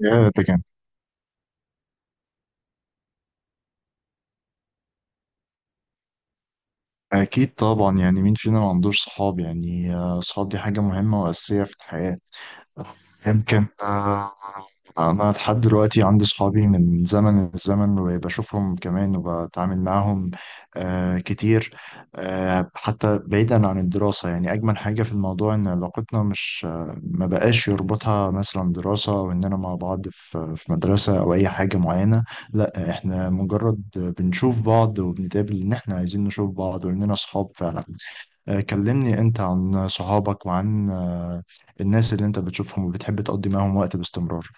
يا ده كان أكيد طبعا، يعني مين فينا ما عندوش صحاب؟ يعني صحاب دي حاجة مهمة وأساسية في الحياة. يمكن أنا لحد دلوقتي عندي صحابي من زمن الزمن، وبشوفهم كمان وبتعامل معاهم كتير. حتى بعيدا عن الدراسة، يعني أجمل حاجة في الموضوع إن علاقتنا مش ما بقاش يربطها مثلا دراسة، وإننا مع بعض في مدرسة أو أي حاجة معينة. لا، إحنا مجرد بنشوف بعض وبنتقابل إن إحنا عايزين نشوف بعض وإننا صحاب فعلا. كلمني انت عن صحابك وعن الناس اللي انت بتشوفهم وبتحب تقضي معاهم وقت باستمرار.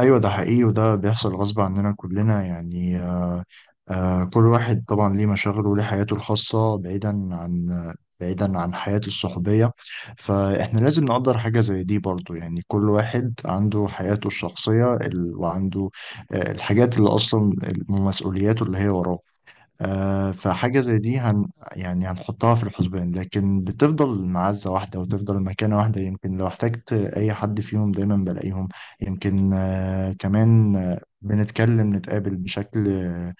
ايوه، ده حقيقي وده بيحصل غصب عننا كلنا، يعني كل واحد طبعا ليه مشاغله وليه حياته الخاصة بعيدا عن حياته الصحوبية. فاحنا لازم نقدر حاجة زي دي برضو، يعني كل واحد عنده حياته الشخصية وعنده الحاجات اللي اصلا مسؤولياته اللي هي وراه. فحاجة زي دي يعني هنحطها في الحسبان، لكن بتفضل معزة واحدة وتفضل مكانة واحدة. يمكن لو احتجت أي حد فيهم دايما بلاقيهم. يمكن كمان بنتكلم نتقابل بشكل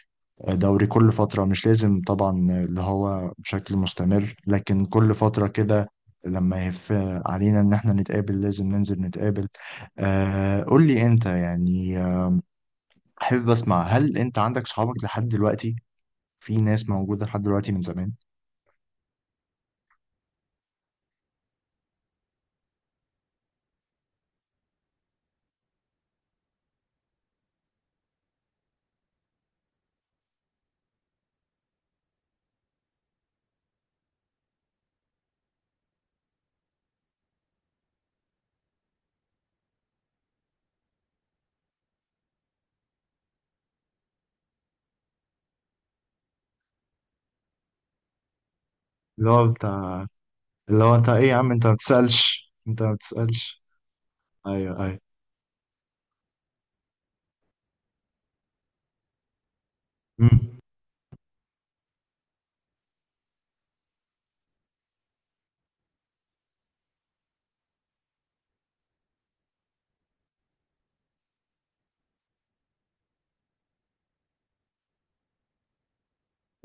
دوري كل فترة، مش لازم طبعا اللي هو بشكل مستمر، لكن كل فترة كده لما يهف علينا إن احنا نتقابل لازم ننزل نتقابل. قول لي أنت، يعني أحب أسمع، هل أنت عندك صحابك لحد دلوقتي؟ في ناس موجودة لحد دلوقتي من زمان. اللي هو بتاع، اللي هو انت ايه يا عم، انت ما بتسألش، انت ما بتسألش. ايوه ايوه. امم.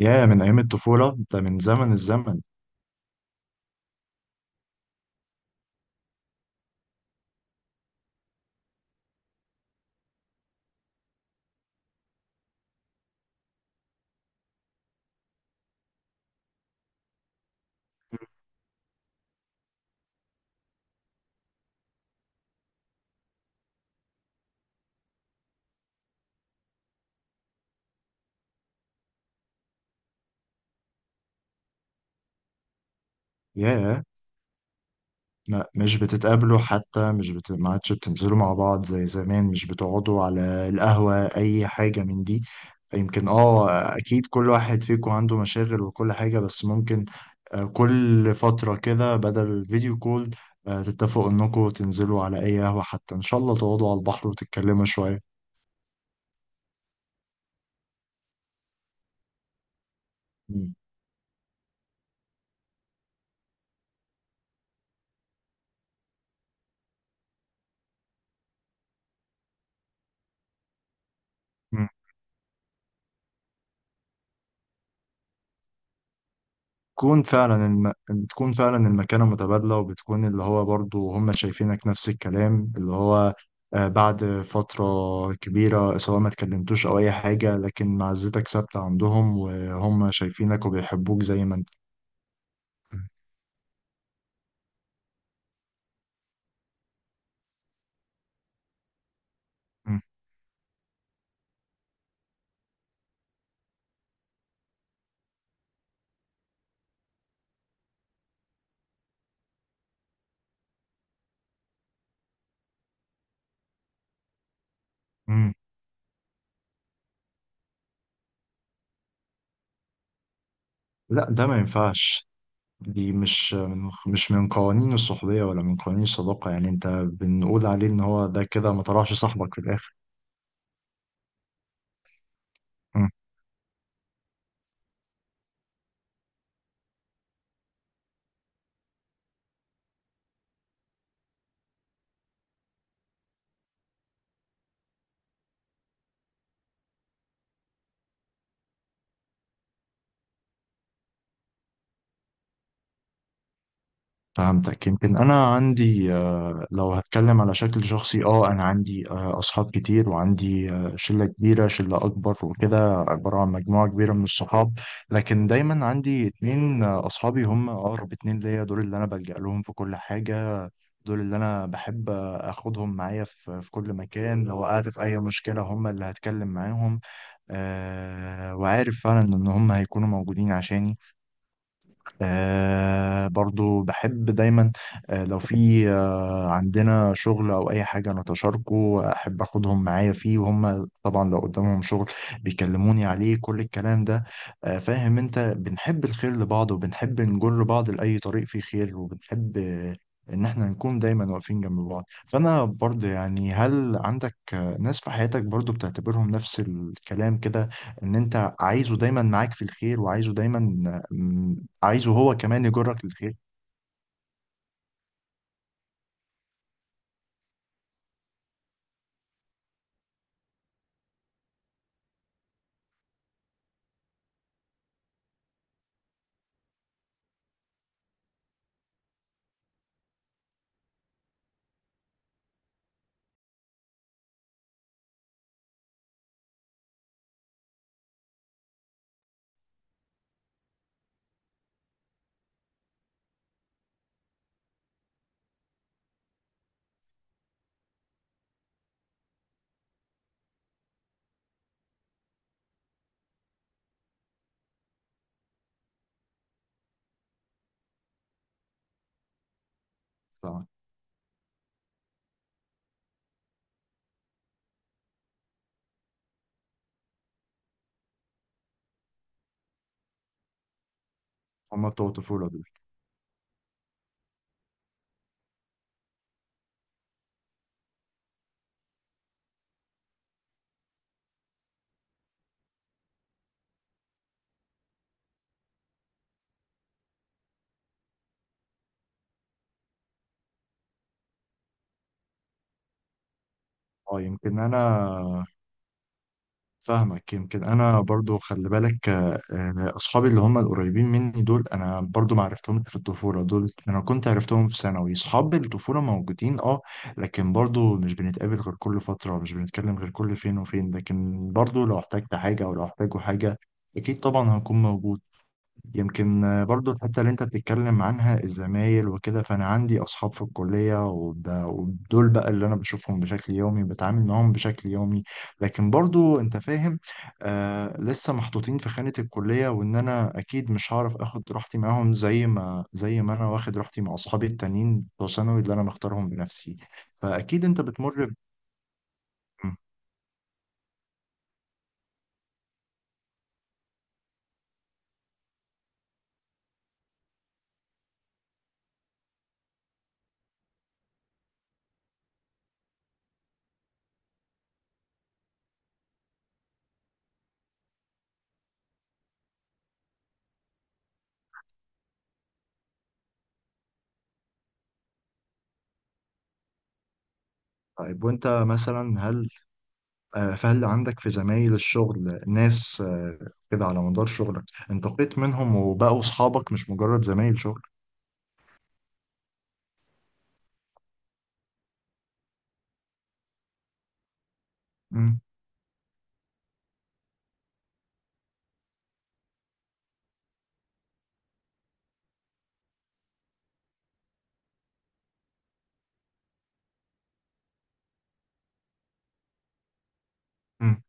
يا من ايام الطفولة، انت من زمن الزمن. يا ما- مش بتتقابلوا حتى؟ مش بت... ما عادش بتنزلوا مع بعض زي زمان؟ مش بتقعدوا على القهوة أي حاجة من دي؟ يمكن أكيد كل واحد فيكم عنده مشاغل وكل حاجة، بس ممكن كل فترة كده بدل فيديو كول تتفقوا إنكم تنزلوا على أي قهوة، حتى إن شاء الله تقعدوا على البحر وتتكلموا شوية. مم. تكون فعلا بتكون فعلا المكانة متبادلة، وبتكون اللي هو برضو هم شايفينك نفس الكلام اللي هو بعد فترة كبيرة، سواء ما اتكلمتوش أو أي حاجة، لكن معزتك ثابتة عندهم وهم شايفينك وبيحبوك زي ما أنت. مم. مم. لا، ده ما ينفعش. دي مش من قوانين الصحبية ولا من قوانين الصداقة، يعني أنت بنقول عليه إن هو ده كده ما طلعش صاحبك في الآخر. فهمتك. يمكن انا عندي لو هتكلم على شكل شخصي، انا عندي اصحاب كتير، وعندي شله كبيره، شله اكبر وكده، عباره عن مجموعه كبيره من الصحاب. لكن دايما عندي اتنين اصحابي هم اقرب اتنين ليا، دول اللي انا بلجأ لهم في كل حاجه. دول اللي انا بحب اخدهم معايا في كل مكان، لو وقعت في اي مشكله هم اللي هتكلم معاهم. وعارف فعلا ان هم هيكونوا موجودين عشاني. برضو بحب دايما لو في عندنا شغل او اي حاجه انا تشاركه، احب اخدهم معايا فيه، وهم طبعا لو قدامهم شغل بيكلموني عليه كل الكلام ده. فاهم انت، بنحب الخير لبعض وبنحب نجر بعض لاي طريق فيه خير، وبنحب ان احنا نكون دايما واقفين جنب بعض. فانا برضه يعني، هل عندك ناس في حياتك برضه بتعتبرهم نفس الكلام كده، ان انت عايزه دايما معاك في الخير، وعايزه دايما آه، م- عايزه هو كمان يجرك للخير؟ طبعا هما بتوع الطفوله دول؟ اه يمكن انا فاهمك. يمكن انا برضو خلي بالك اصحابي اللي هم القريبين مني دول انا برضو ما عرفتهم في الطفوله، دول انا كنت عرفتهم في ثانوي. اصحاب الطفوله موجودين لكن برضو مش بنتقابل غير كل فتره، مش بنتكلم غير كل فين وفين، لكن برضو لو احتجت حاجه او لو احتاجوا حاجه اكيد طبعا هكون موجود. يمكن برضو الحتة اللي انت بتتكلم عنها الزمايل وكده، فانا عندي اصحاب في الكلية ودول بقى اللي انا بشوفهم بشكل يومي بتعامل معاهم بشكل يومي. لكن برضو انت فاهم، لسه محطوطين في خانة الكلية، وان انا اكيد مش هعرف اخد راحتي معاهم زي ما انا واخد راحتي مع اصحابي التانيين بتوع ثانوي اللي انا مختارهم بنفسي. فاكيد انت بتمر. طيب وانت مثلا، هل آه، فهل عندك في زمايل الشغل ناس كده على مدار شغلك انتقيت منهم وبقوا أصحابك مش مجرد زمايل شغل؟ مم. مم. إن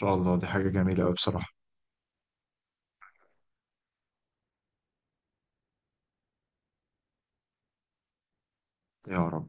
شاء الله دي حاجة جميلة أوي بصراحة. يا رب.